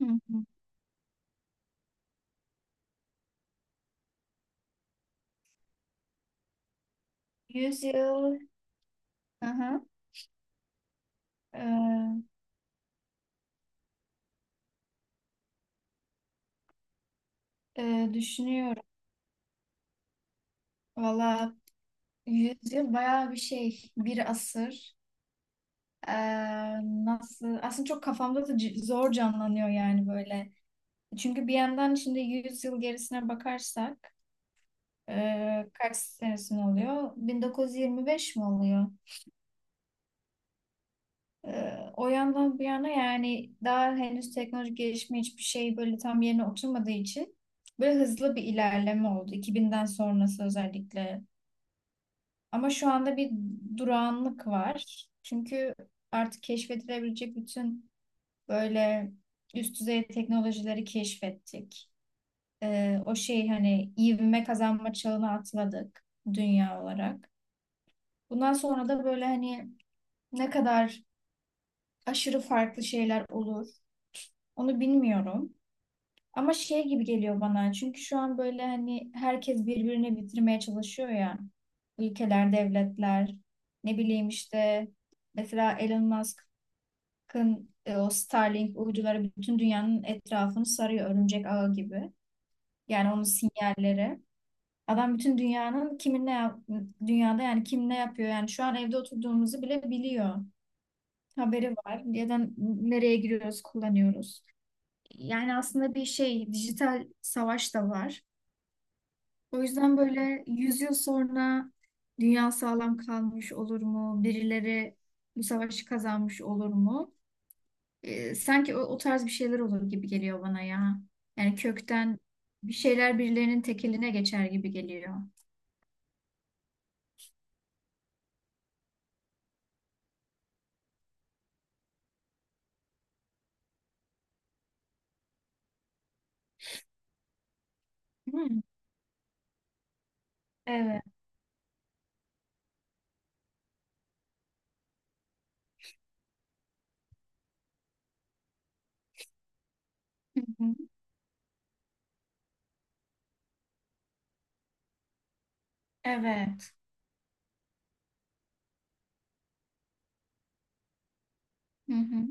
Hı hı. Yüzyıl. Hı hı. Düşünüyorum. Valla yüzyıl bayağı bir şey. Bir asır. E, Nasıl? Aslında çok kafamda da zor canlanıyor yani böyle. Çünkü bir yandan şimdi yüz yıl gerisine bakarsak kaç senesine oluyor? 1925 mi oluyor? O yandan bir yana yani daha henüz teknoloji gelişme hiçbir şey böyle tam yerine oturmadığı için böyle hızlı bir ilerleme oldu iki binden sonrası özellikle. Ama şu anda bir durağanlık var. Çünkü artık keşfedilebilecek bütün böyle üst düzey teknolojileri keşfettik. O şey hani ivme kazanma çağına atladık dünya olarak. Bundan sonra da böyle hani ne kadar aşırı farklı şeyler olur onu bilmiyorum. Ama şey gibi geliyor bana. Çünkü şu an böyle hani herkes birbirini bitirmeye çalışıyor ya. Ülkeler, devletler, ne bileyim işte mesela Elon Musk'ın o Starlink uyduları bütün dünyanın etrafını sarıyor örümcek ağı gibi. Yani onun sinyalleri. Adam bütün dünyanın kimin ne yap dünyada yani kim ne yapıyor yani şu an evde oturduğumuzu bile biliyor. Haberi var. Neden nereye giriyoruz, kullanıyoruz. Yani aslında bir şey dijital savaş da var. O yüzden böyle 100 yıl sonra dünya sağlam kalmış olur mu? Birileri bu savaşı kazanmış olur mu? Sanki o tarz bir şeyler olur gibi geliyor bana ya. Yani kökten bir şeyler birilerinin tekeline geçer gibi geliyor. Hmm. Evet, hı hı, evet. Hı hı.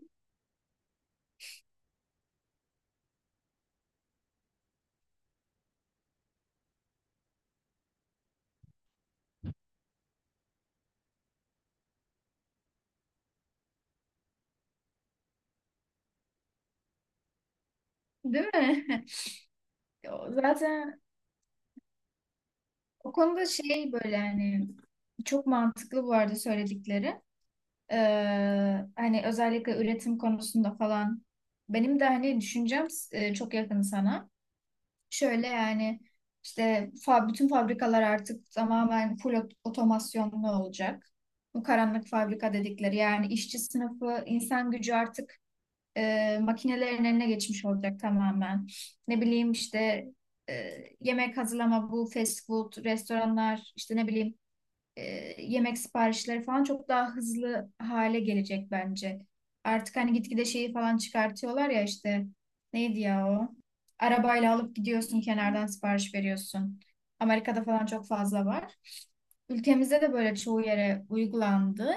Değil mi? O zaten o konuda şey böyle yani çok mantıklı bu arada söyledikleri. Hani özellikle üretim konusunda falan benim de hani düşüncem çok yakın sana. Şöyle yani işte bütün fabrikalar artık tamamen otomasyonlu olacak. Bu karanlık fabrika dedikleri yani işçi sınıfı, insan gücü artık makinelerin eline geçmiş olacak tamamen. Ne bileyim işte e, yemek hazırlama bu fast food restoranlar işte ne bileyim e, yemek siparişleri falan çok daha hızlı hale gelecek bence. Artık hani gitgide şeyi falan çıkartıyorlar ya işte neydi ya o? Arabayla alıp gidiyorsun kenardan sipariş veriyorsun. Amerika'da falan çok fazla var. Ülkemizde de böyle çoğu yere uygulandı.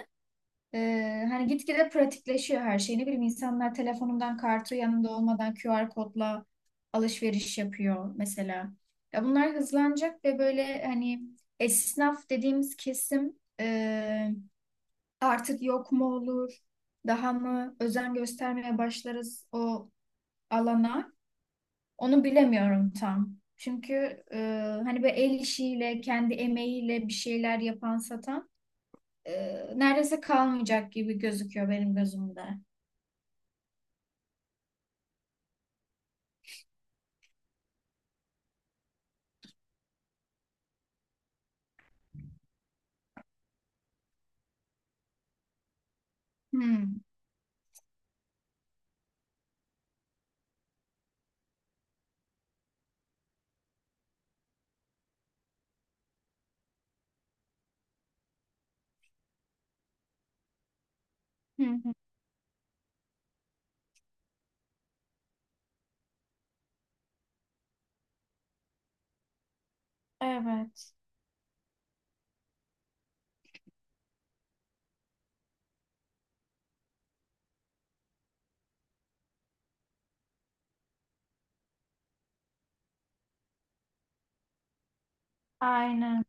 Hani gitgide pratikleşiyor her şey. Ne bileyim insanlar telefonundan kartı yanında olmadan QR kodla alışveriş yapıyor mesela. Ya bunlar hızlanacak ve böyle hani esnaf dediğimiz kesim artık yok mu olur, daha mı özen göstermeye başlarız o alana. Onu bilemiyorum tam. Çünkü e, hani böyle el işiyle, kendi emeğiyle bir şeyler yapan satan e, neredeyse kalmayacak gibi gözüküyor benim gözümde. Hmm. Hı hı. Evet. Aynen.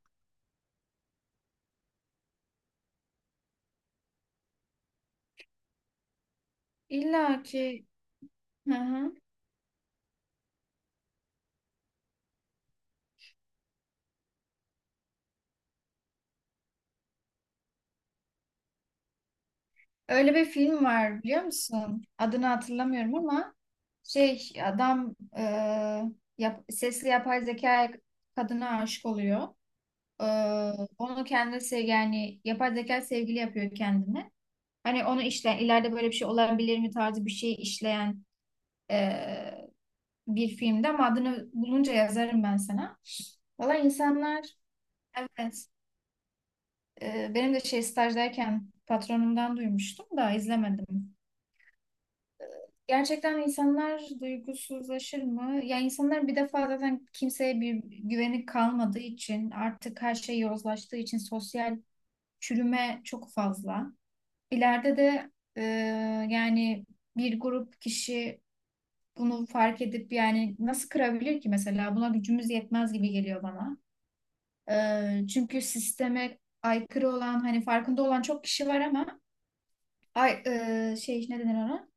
İlla ki. Hı hı. Öyle bir film var biliyor musun? Adını hatırlamıyorum ama şey adam sesli yapay zeka kadına aşık oluyor. E, Onu kendisi yani yapay zeka sevgili yapıyor kendine. Hani onu işleyen ileride böyle bir şey olabilir mi tarzı bir şey işleyen e, bir filmde ama adını bulunca yazarım ben sana. Valla insanlar evet. Benim de şey stajdayken patronumdan duymuştum da izlemedim. Gerçekten insanlar duygusuzlaşır mı? Ya insanlar bir defa zaten kimseye bir güveni kalmadığı için artık her şey yozlaştığı için sosyal çürüme çok fazla. İleride de e, yani bir grup kişi bunu fark edip yani nasıl kırabilir ki mesela? Buna gücümüz yetmez gibi geliyor bana. Çünkü sisteme aykırı olan hani farkında olan çok kişi var ama ay, şey ne denir ona?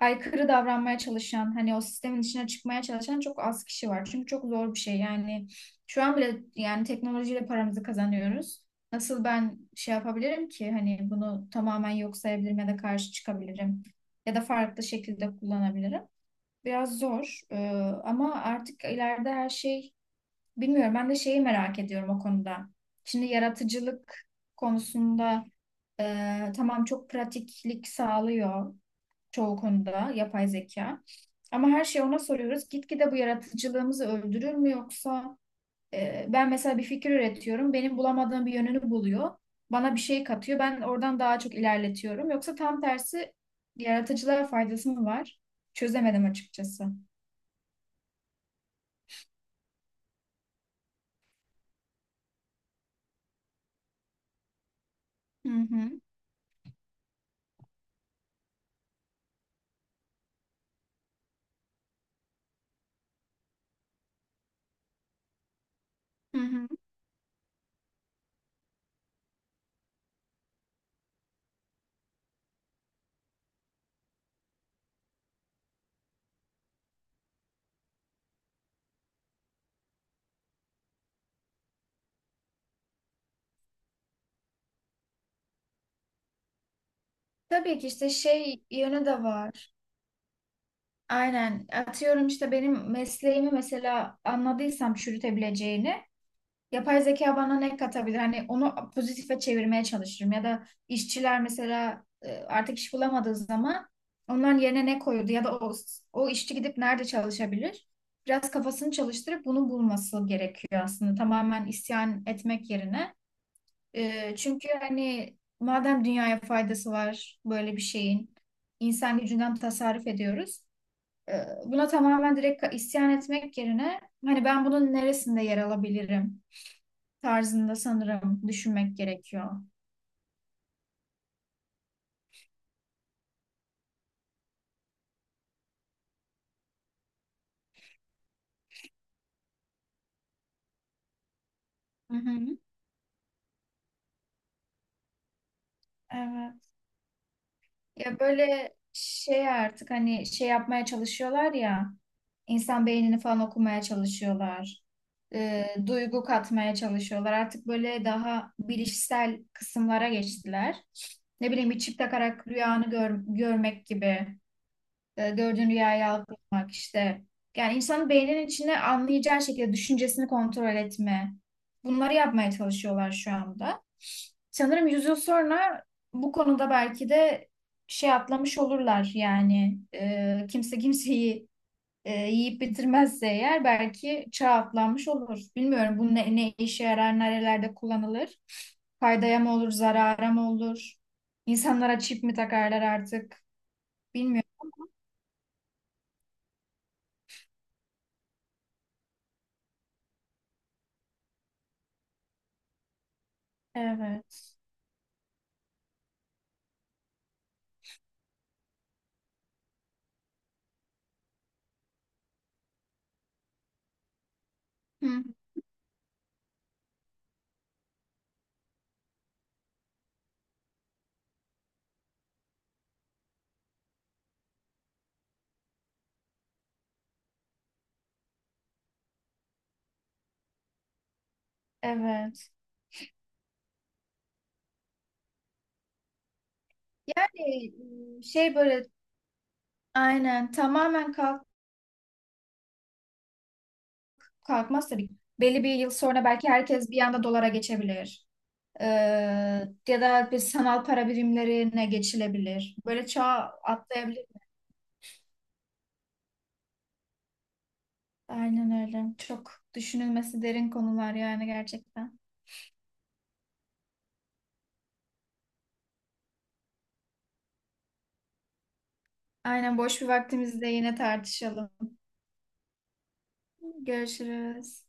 Aykırı davranmaya çalışan, hani o sistemin içine çıkmaya çalışan çok az kişi var. Çünkü çok zor bir şey. Yani şu an bile yani teknolojiyle paramızı kazanıyoruz. Nasıl ben şey yapabilirim ki hani bunu tamamen yok sayabilirim ya da karşı çıkabilirim ya da farklı şekilde kullanabilirim. Biraz zor, ama artık ileride her şey bilmiyorum. Ben de şeyi merak ediyorum o konuda. Şimdi yaratıcılık konusunda tamam çok pratiklik sağlıyor çoğu konuda yapay zeka. Ama her şeyi ona soruyoruz. Gitgide bu yaratıcılığımızı öldürür mü yoksa ben mesela bir fikir üretiyorum. Benim bulamadığım bir yönünü buluyor. Bana bir şey katıyor. Ben oradan daha çok ilerletiyorum. Yoksa tam tersi yaratıcılara faydası mı var? Çözemedim açıkçası. Hı hı, hı hı. Tabii ki işte şey yönü de var. Aynen. Atıyorum işte benim mesleğimi mesela anladıysam çürütebileceğini. Yapay zeka bana ne katabilir? Hani onu pozitife çevirmeye çalışırım. Ya da işçiler mesela artık iş bulamadığı zaman onların yerine ne koyuldu? Ya da o işçi gidip nerede çalışabilir? Biraz kafasını çalıştırıp bunu bulması gerekiyor aslında. Tamamen isyan etmek yerine. Çünkü hani madem dünyaya faydası var böyle bir şeyin, insan gücünden tasarruf ediyoruz. E, Buna tamamen direkt isyan etmek yerine hani ben bunun neresinde yer alabilirim tarzında sanırım düşünmek gerekiyor. Hı hı. Evet. Ya böyle şey artık hani şey yapmaya çalışıyorlar ya, insan beynini falan okumaya çalışıyorlar. Duygu katmaya çalışıyorlar. Artık böyle daha bilişsel kısımlara geçtiler. Ne bileyim bir çip takarak rüyanı görmek gibi. Gördüğün rüyayı algılamak işte. Yani insanın beyninin içine anlayacağı şekilde düşüncesini kontrol etme. Bunları yapmaya çalışıyorlar şu anda. Sanırım yüz yıl sonra bu konuda belki de şey atlamış olurlar yani. Kimse kimseyi yiyip bitirmezse eğer belki çağ atlanmış olur. Bilmiyorum bu ne işe yarar, nerelerde kullanılır. Faydaya mı olur, zarara mı olur? İnsanlara çip mi takarlar artık? Bilmiyorum. Evet. Hı. Evet. Yani m, şey böyle aynen tamamen kalkmaz tabii. Belli bir yıl sonra belki herkes bir anda dolara geçebilir. Ee, Ya da bir sanal para birimlerine geçilebilir. Böyle çağ atlayabilir. Aynen öyle. Çok düşünülmesi derin konular yani gerçekten. Aynen boş bir vaktimizde yine tartışalım. Görüşürüz.